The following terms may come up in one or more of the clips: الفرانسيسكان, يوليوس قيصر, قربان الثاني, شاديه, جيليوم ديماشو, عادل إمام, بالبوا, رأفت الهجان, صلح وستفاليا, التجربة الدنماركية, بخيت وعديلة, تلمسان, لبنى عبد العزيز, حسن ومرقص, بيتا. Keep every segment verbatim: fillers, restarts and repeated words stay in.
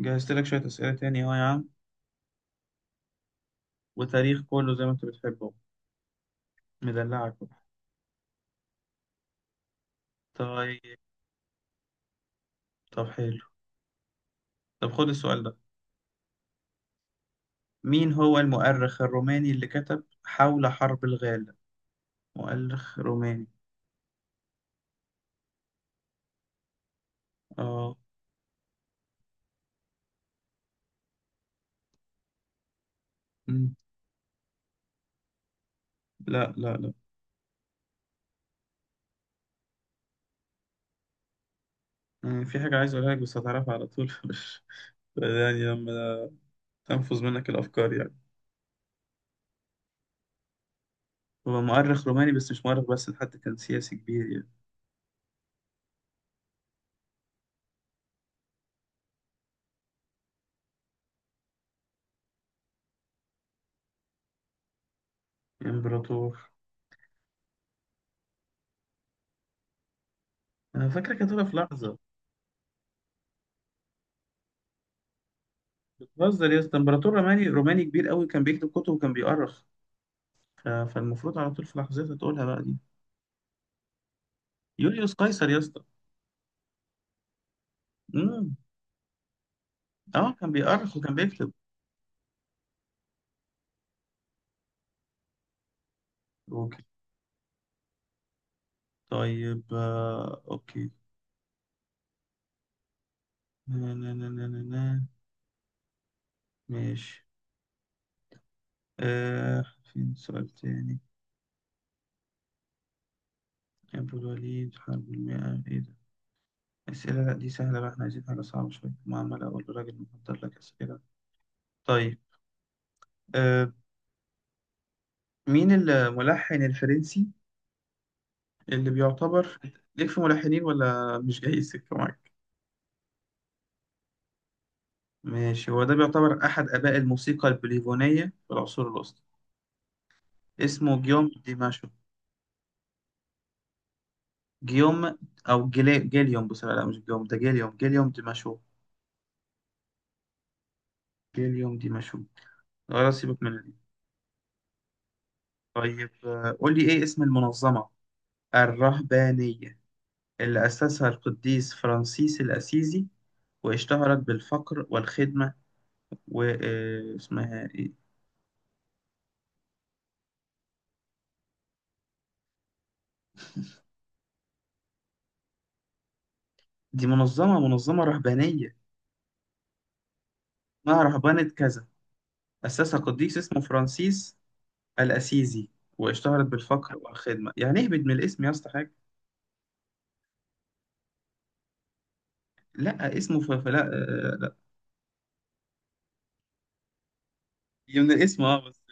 جهزت لك شوية أسئلة تاني أهو يا عم، وتاريخ كله زي ما أنت بتحبه. مدلعك بقى. طيب. طب حلو. طب خد السؤال ده. مين هو المؤرخ الروماني اللي كتب حول حرب الغالة؟ مؤرخ روماني. آه. مم. لا لا لا. مم. في حاجة عايز أقولها لك بس هتعرفها على طول مش يعني لما تنفذ منك الأفكار يعني. هو مؤرخ روماني بس مش مؤرخ بس، حتى كان سياسي كبير يعني. إمبراطور. أنا فاكرك هتقولها في لحظة. بتهزر يا اسطى، إمبراطور روماني، روماني كبير أوي، كان بيكتب كتب وكان بيؤرخ. ف- فالمفروض على طول في لحظتها تقولها بقى دي. يوليوس قيصر يا اسطى. امم اه كان بيأرخ وكان بيكتب. اوكي. طيب آه اوكي. نا نا نا نا نا نا. ماشي. آه فين سؤال تاني. أبو الوليد حرب المئة ايه ده. أسئلة، لا دي سهلة بقى، احنا عايزين حاجة صعبة شوية، ما عمال أقول للراجل محضر لك أسئلة. طيب آه مين الملحن الفرنسي اللي بيعتبر؟ ليك في ملحنين ولا مش جاي السكة؟ ماشي، هو ده بيعتبر أحد آباء الموسيقى البوليفونية في العصور الوسطى، اسمه جيوم ديماشو. جيوم، أو جيلي... جيليوم بصراحة، لا مش جيوم ده، جيليوم، جيليوم ديماشو. جيليوم ديماشو. خلاص سيبك من دي. طيب آه، قول لي إيه اسم المنظمة الرهبانية اللي أسسها القديس فرانسيس الأسيزي واشتهرت بالفقر والخدمة، واسمها إيه؟ دي منظمة، منظمة رهبانية، اسمها رهبانة كذا، أسسها قديس اسمه فرانسيس الأسيزي، واشتهرت بالفقر والخدمة، يعني اهبط من الاسم يا اسطى حاجة. لا اسمه ف... فلا آه، لا. هي من الاسم اه بس.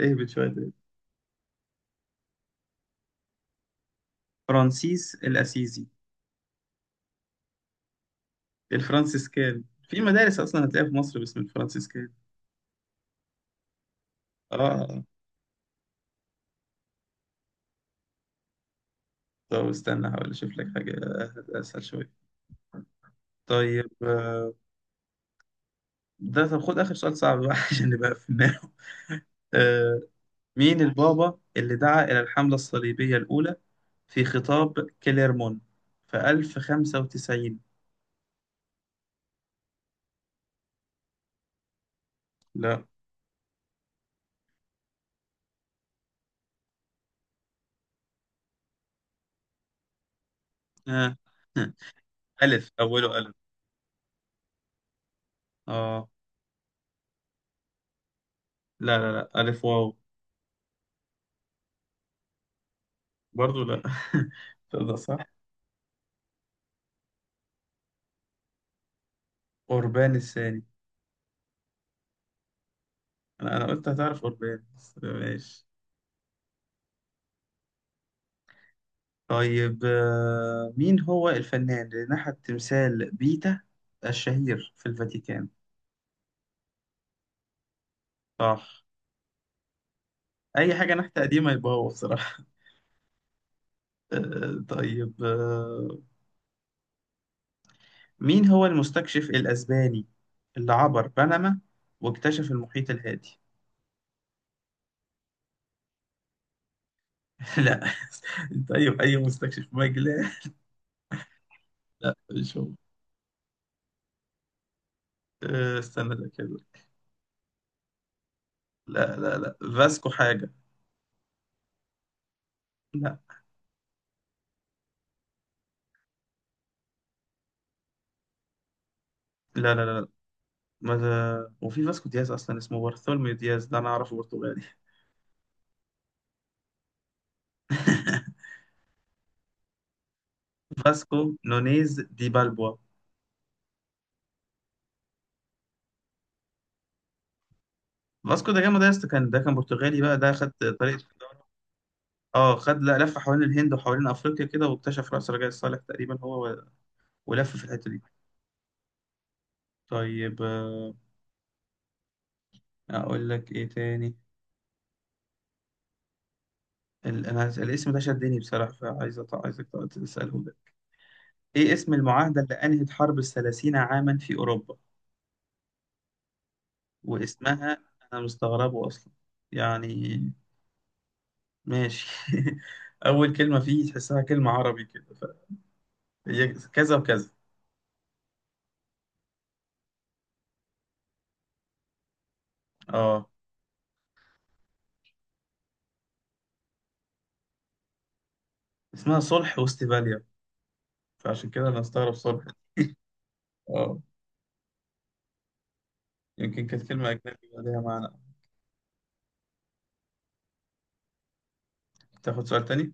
آه، اهبط شوية تاني. فرانسيس الأسيزي. الفرانسيسكان. في مدارس أصلا هتلاقيها في مصر باسم الفرانسيسكان. اه آه، آه. طب استنى هحاول أشوف لك حاجة آه، أسهل شوية. طيب آه، ده طب خد آخر سؤال صعب بقى عشان نبقى في النار. آه، مين البابا اللي دعا إلى الحملة الصليبية الأولى في خطاب كليرمون في ألف وخمسة وتسعين؟ لا. آه. ألف، أوله ألف. آه. لا لا لا، ألف واو. برضو لا تبدأ صح. قربان الثاني. أنا أنا قلت هتعرف قربان بس ماشي. طيب آه، مين هو الفنان اللي نحت تمثال بيتا الشهير في الفاتيكان؟ صح. أي حاجة نحت قديمة يبقى هو بصراحة آه، طيب آه، مين هو المستكشف الأسباني اللي عبر بنما واكتشف المحيط الهادي؟ لا انت اي اي مستكشف مجلاه. لا مش هو. أه، استنى ده كده. لا لا لا، فاسكو حاجه. لا لا لا لا، ما ده وفي فاسكو دياز اصلا اسمه بارثولميو دياز ده، انا اعرفه برتغالي. فاسكو نونيز دي بالبوا. فاسكو ده جاما ده يا اسطى، كان ده كان برتغالي بقى، ده خد طريق، اه خد، لا لف حوالين الهند وحوالين افريقيا كده واكتشف راس رجاء الصالح تقريبا، هو و- ولف في الحته دي. طيب آه، اقول لك ايه تاني. ال- انا الاسم ده شدني بصراحه، فعايز أط- عايزك تق- تساله ده، ايه اسم المعاهده اللي انهت حرب الثلاثين عاما في اوروبا واسمها؟ انا مستغربه اصلا يعني، ماشي اول كلمه فيه تحسها كلمه عربي كده ف... هي كذا وكذا. اه، اسمها صلح وستفاليا، فعشان كده انا استغرب صلح. اه، يمكن كانت كلمه اجنبي يبقى ليها معنى. تاخد سؤال تاني؟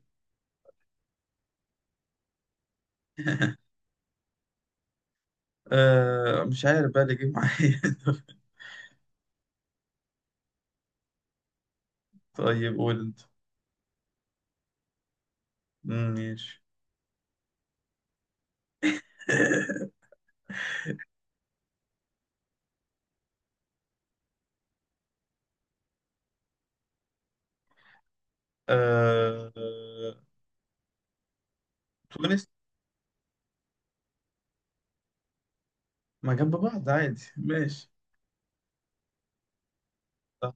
آه مش عارف بقى اللي جه معايا طيب قول انت. مم، ماشي. آه... تونس. ما جنب بعض عادي ماشي. صح.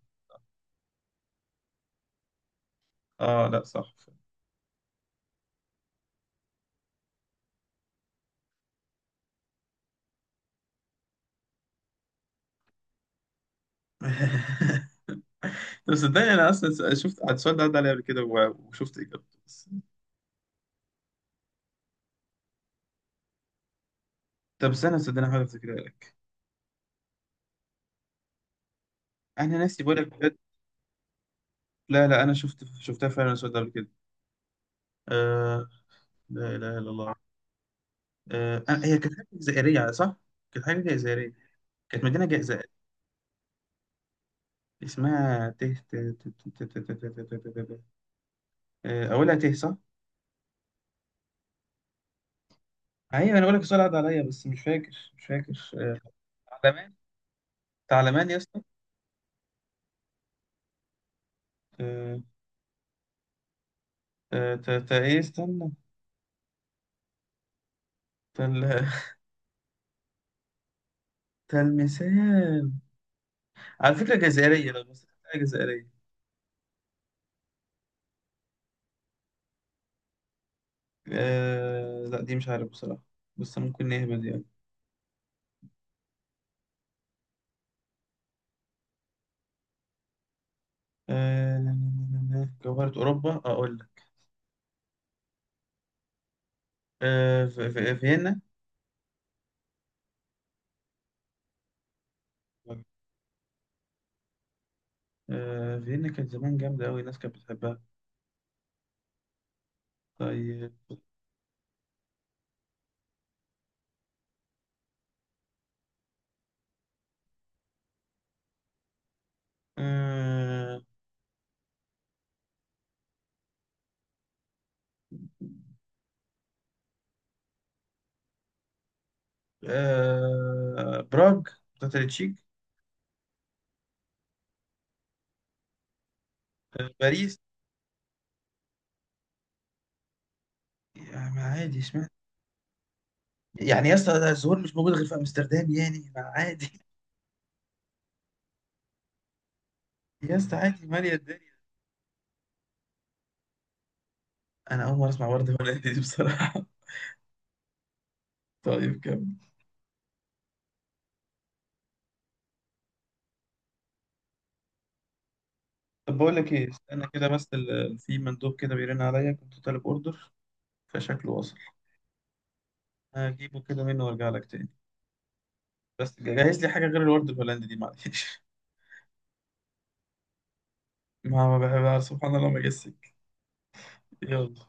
اه، لا صح. طب صدقني انا اصلا شفت السؤال ده عدى عليا قبل كده و- وشفت اجابته، بس طب استنى صدقني هحاول افتكرها لك. انا ناسي بقول لك بجد. لا لا انا شفت، شفتها فعلا السؤال ده قبل كده. آه... لا اله الا الله. آه... آه، هي كانت حاجه جزائريه صح؟ كانت حاجه جزائريه، كانت مدينه جزائر، اسمها ته ت- ت- ت- ت- ت- ت- ت- ت- ت- ت- ت- آه، اولها ته صح؟ ايوه انا بقول لك السؤال عدى عليا بس مش فاكر، مش فاكر. تعلمان. تعلمان يا اسطى. ت- ت- ت- ت- ايه استنى، تل... تلمسان. على فكرة جزائرية لو بس، حاجة جزائرية. آه... لا دي مش عارف بصراحة، بس ممكن نهبد يعني. آه... جوهرة أوروبا أقول لك. آه... في... في... فيينا. آه... فيينا كانت زمان جامدة أوي، الناس كانت بتحبها. طيب. آه... آه... براغ، بتاعت التشيك. آه... باريس. يعني عادي اشمعنى. يعني يا اسطى، ده الزهور مش موجود غير في امستردام يعني؟ ما عادي. يا اسطى عادي ماليه الدنيا. انا اول مره اسمع ورده هولندي دي بصراحه. طيب كمل. طب بقول لك ايه، استنى كده بس، ال- في مندوب كده بيرن عليا، كنت طالب اوردر، فشكله وصل. هجيبه كده منه وارجع لك تاني. بس جهز لي حاجه غير الورد الهولندي دي معلش. ما ما بحبها سبحان الله ما جسك. يلا.